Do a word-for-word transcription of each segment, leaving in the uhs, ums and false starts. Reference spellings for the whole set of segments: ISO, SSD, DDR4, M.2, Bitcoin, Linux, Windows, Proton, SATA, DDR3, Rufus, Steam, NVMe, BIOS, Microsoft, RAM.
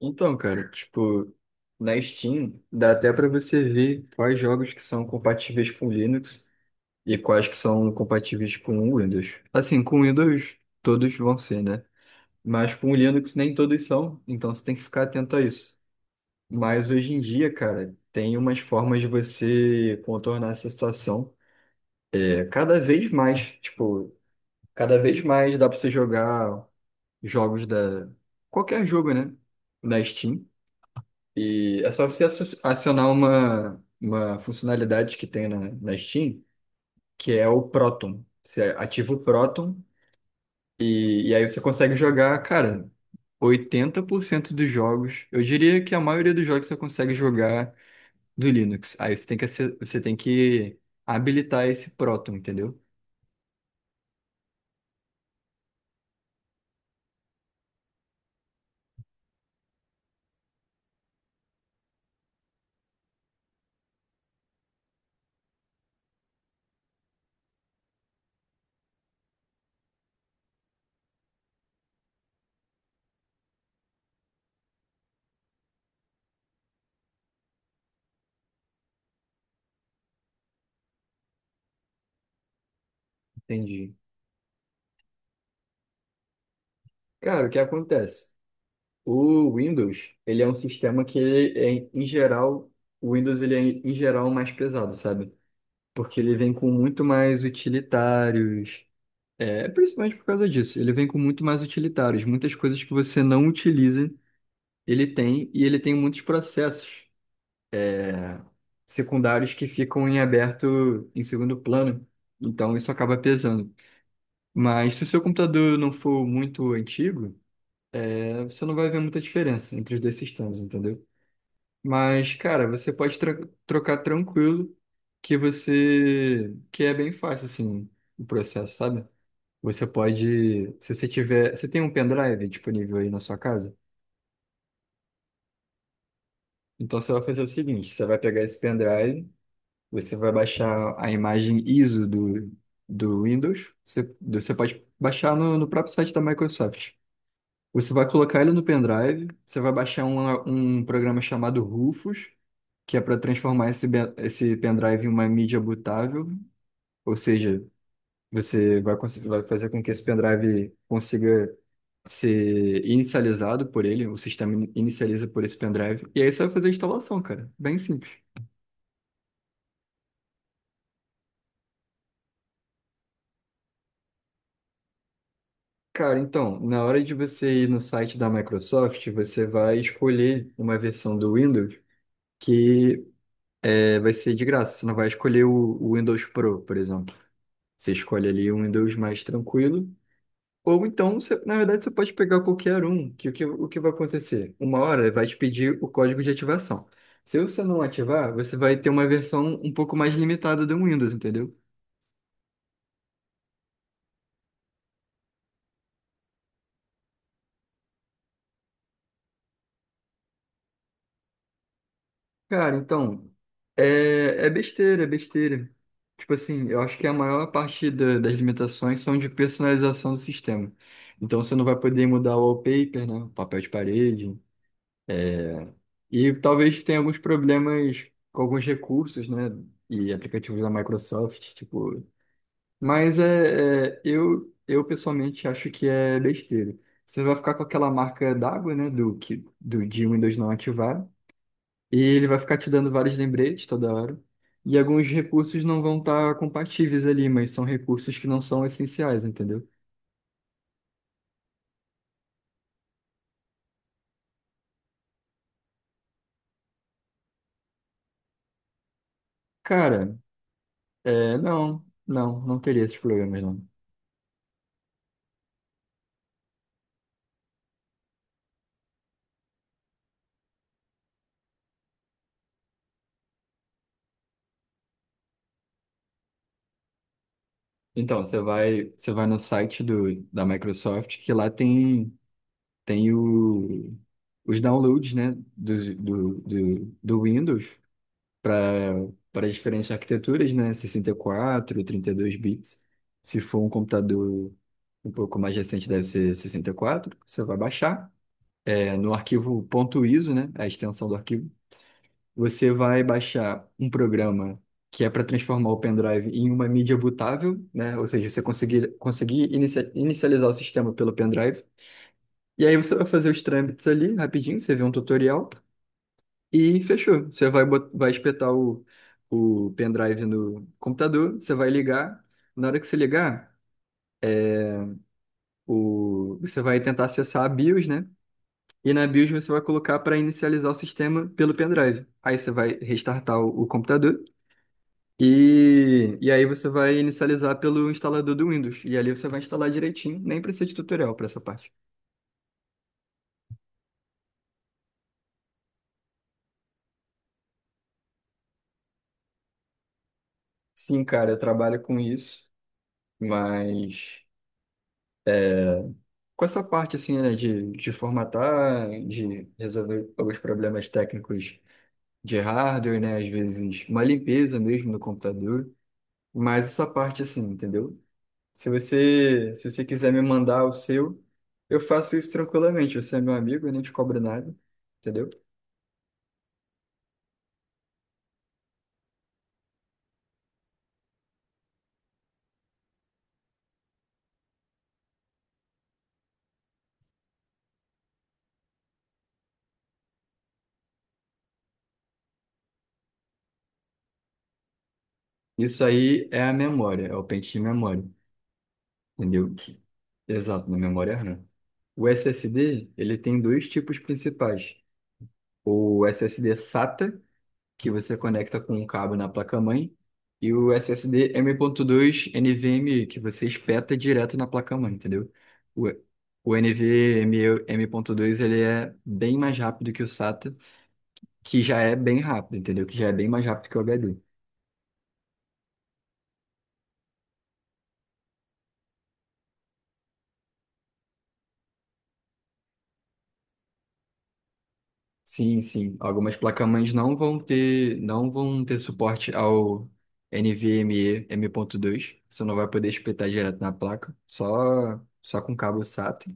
Então, cara, tipo, na Steam dá até pra você ver quais jogos que são compatíveis com Linux e quais que são compatíveis com Windows. Assim, com Windows todos vão ser, né? Mas com Linux nem todos são, então você tem que ficar atento a isso. Mas hoje em dia, cara, tem umas formas de você contornar essa situação. É cada vez mais, tipo, cada vez mais dá pra você jogar jogos da qualquer jogo, né? Na Steam. E é só você asso- acionar uma, uma funcionalidade que tem na, na Steam, que é o Proton. Você ativa o Proton e, e aí você consegue jogar, cara, oitenta por cento dos jogos. Eu diria que a maioria dos jogos você consegue jogar do Linux. Aí você tem que, ace- você tem que habilitar esse Proton, entendeu? Entendi. Cara, o que acontece? O Windows, ele é um sistema que, ele é, em geral, O Windows ele é, em geral, mais pesado, sabe? Porque ele vem com muito mais utilitários. É, principalmente por causa disso. Ele vem com muito mais utilitários. Muitas coisas que você não utiliza, ele tem, e ele tem muitos processos é, secundários que ficam em aberto em segundo plano. Então isso acaba pesando. Mas se o seu computador não for muito antigo, é, você não vai ver muita diferença entre os dois sistemas, entendeu? Mas, cara, você pode tra- trocar tranquilo, que você que é bem fácil assim o processo, sabe? Você pode, se você tiver, você tem um pendrive disponível aí na sua casa? Então você vai fazer o seguinte, você vai pegar esse pendrive, você vai baixar a imagem ISO do, do Windows, você, você pode baixar no, no próprio site da Microsoft. Você vai colocar ele no pendrive, você vai baixar um, um programa chamado Rufus, que é para transformar esse, be- esse pendrive em uma mídia bootável, ou seja, você vai, cons- vai fazer com que esse pendrive consiga ser inicializado por ele, o sistema in- inicializa por esse pendrive, e aí você vai fazer a instalação, cara. Bem simples. Cara, então, na hora de você ir no site da Microsoft, você vai escolher uma versão do Windows que é, vai ser de graça. Você não vai escolher o, o Windows Pro, por exemplo. Você escolhe ali o Windows mais tranquilo. Ou então, você- na verdade, você pode pegar qualquer um, que o que o que vai acontecer? Uma hora ele vai te pedir o código de ativação. Se você não ativar, você vai ter uma versão um pouco mais limitada do Windows, entendeu? Cara, então, é, é besteira, é besteira. Tipo assim, eu acho que a maior parte da- das limitações são de personalização do sistema. Então, você não vai poder mudar o wallpaper, né? O papel de parede. É, e talvez tenha alguns problemas com alguns recursos, né? E aplicativos da Microsoft, tipo. Mas é, é, eu, eu pessoalmente acho que é besteira. Você vai ficar com aquela marca d'água, né? Do que, do de Windows não ativar. E ele vai ficar te dando vários lembretes toda hora. E alguns recursos não vão estar compatíveis ali, mas são recursos que não são essenciais, entendeu? Cara, é, não, não, não teria esses problemas, não. Então, você vai você vai no site do, da Microsoft, que lá tem, tem o, os downloads, né, do, do, do, do Windows para para as diferentes arquiteturas, né, sessenta e quatro, trinta e dois bits. Se for um computador um pouco mais recente, deve ser sessenta e quatro, você vai baixar. É, no arquivo .iso, né, a extensão do arquivo, você vai baixar um programa que é para transformar o pendrive em uma mídia bootável, né? Ou seja, você conseguir, conseguir inicia- inicializar o sistema pelo pendrive. E aí você vai fazer os trâmites ali rapidinho, você vê um tutorial e fechou. Você vai, bot- vai espetar o, o pendrive no computador, você vai ligar. Na hora que você ligar, o, você vai tentar acessar a BIOS, né? E na BIOS você vai colocar para inicializar o sistema pelo pendrive. Aí você vai restartar o o computador. E, e aí você vai inicializar pelo instalador do Windows. E ali você vai instalar direitinho, nem precisa de tutorial para essa parte. Sim, cara, eu trabalho com isso, mas com essa parte assim, né, de, de formatar, de resolver alguns problemas técnicos de hardware, né, às vezes uma limpeza mesmo no computador, mas essa parte assim, entendeu? Se você, se você quiser me mandar o seu, eu faço isso tranquilamente. Você é meu amigo, eu não te cobro nada, entendeu? Isso aí é a memória, é o pente de memória, entendeu? Que... Exato, na memória RAM. O S S D, ele tem dois tipos principais. O S S D SATA, que você conecta com um cabo na placa-mãe, e o S S D M.dois NVMe, que você espeta direto na placa-mãe, entendeu? O o NVMe M.dois, ele é bem mais rápido que o SATA, que já é bem rápido, entendeu? Que já é bem mais rápido que o H D. Sim, sim. Algumas placas mães não vão ter, não vão ter suporte ao NVMe M. ponto dois. Você não vai poder espetar direto na placa, só só com cabo SATA,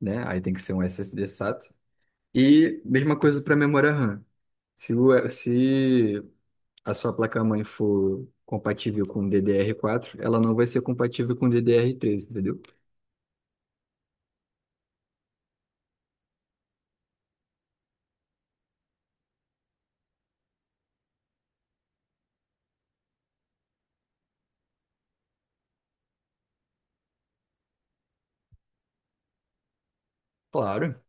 né? Aí tem que ser um S S D SATA. E mesma coisa para memória RAM. Se, o, se a sua placa-mãe for compatível com D D R quatro, ela não vai ser compatível com D D R três, entendeu? Claro.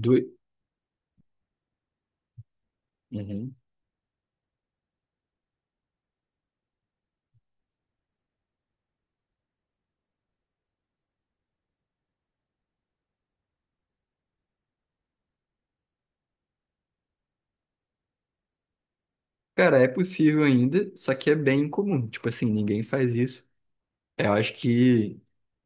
Do... Uhum. Cara, é possível ainda, só que é bem incomum. Tipo assim, ninguém faz isso. Eu acho que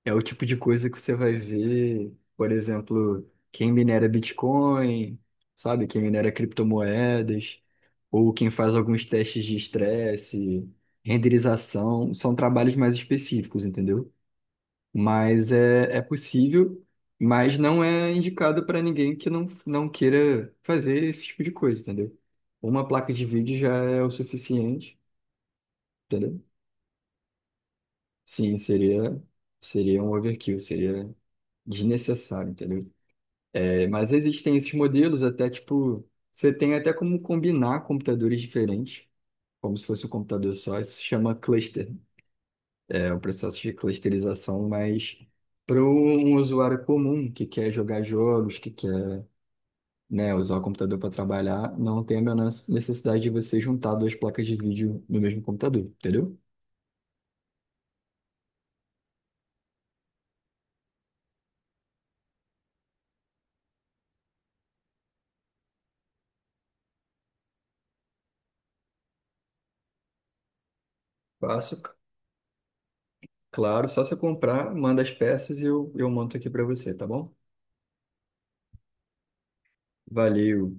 é o tipo de coisa que você vai ver, por exemplo, quem minera Bitcoin, sabe? Quem minera criptomoedas, ou quem faz alguns testes de estresse, renderização, são trabalhos mais específicos, entendeu? Mas é, é possível, mas não é indicado para ninguém que não, não queira fazer esse tipo de coisa, entendeu? Uma placa de vídeo já é o suficiente, entendeu? Sim, seria, seria um overkill, seria. Desnecessário, entendeu? É, mas existem esses modelos até, tipo, você tem até como combinar computadores diferentes, como se fosse um computador só, isso se chama cluster, né? É um processo de clusterização, mas para um usuário comum que quer jogar jogos, que quer, né, usar o computador para trabalhar, não tem a menor necessidade de você juntar duas placas de vídeo no mesmo computador, entendeu? Fácil, claro, só você comprar, manda as peças e eu, eu monto aqui para você, tá bom? Valeu.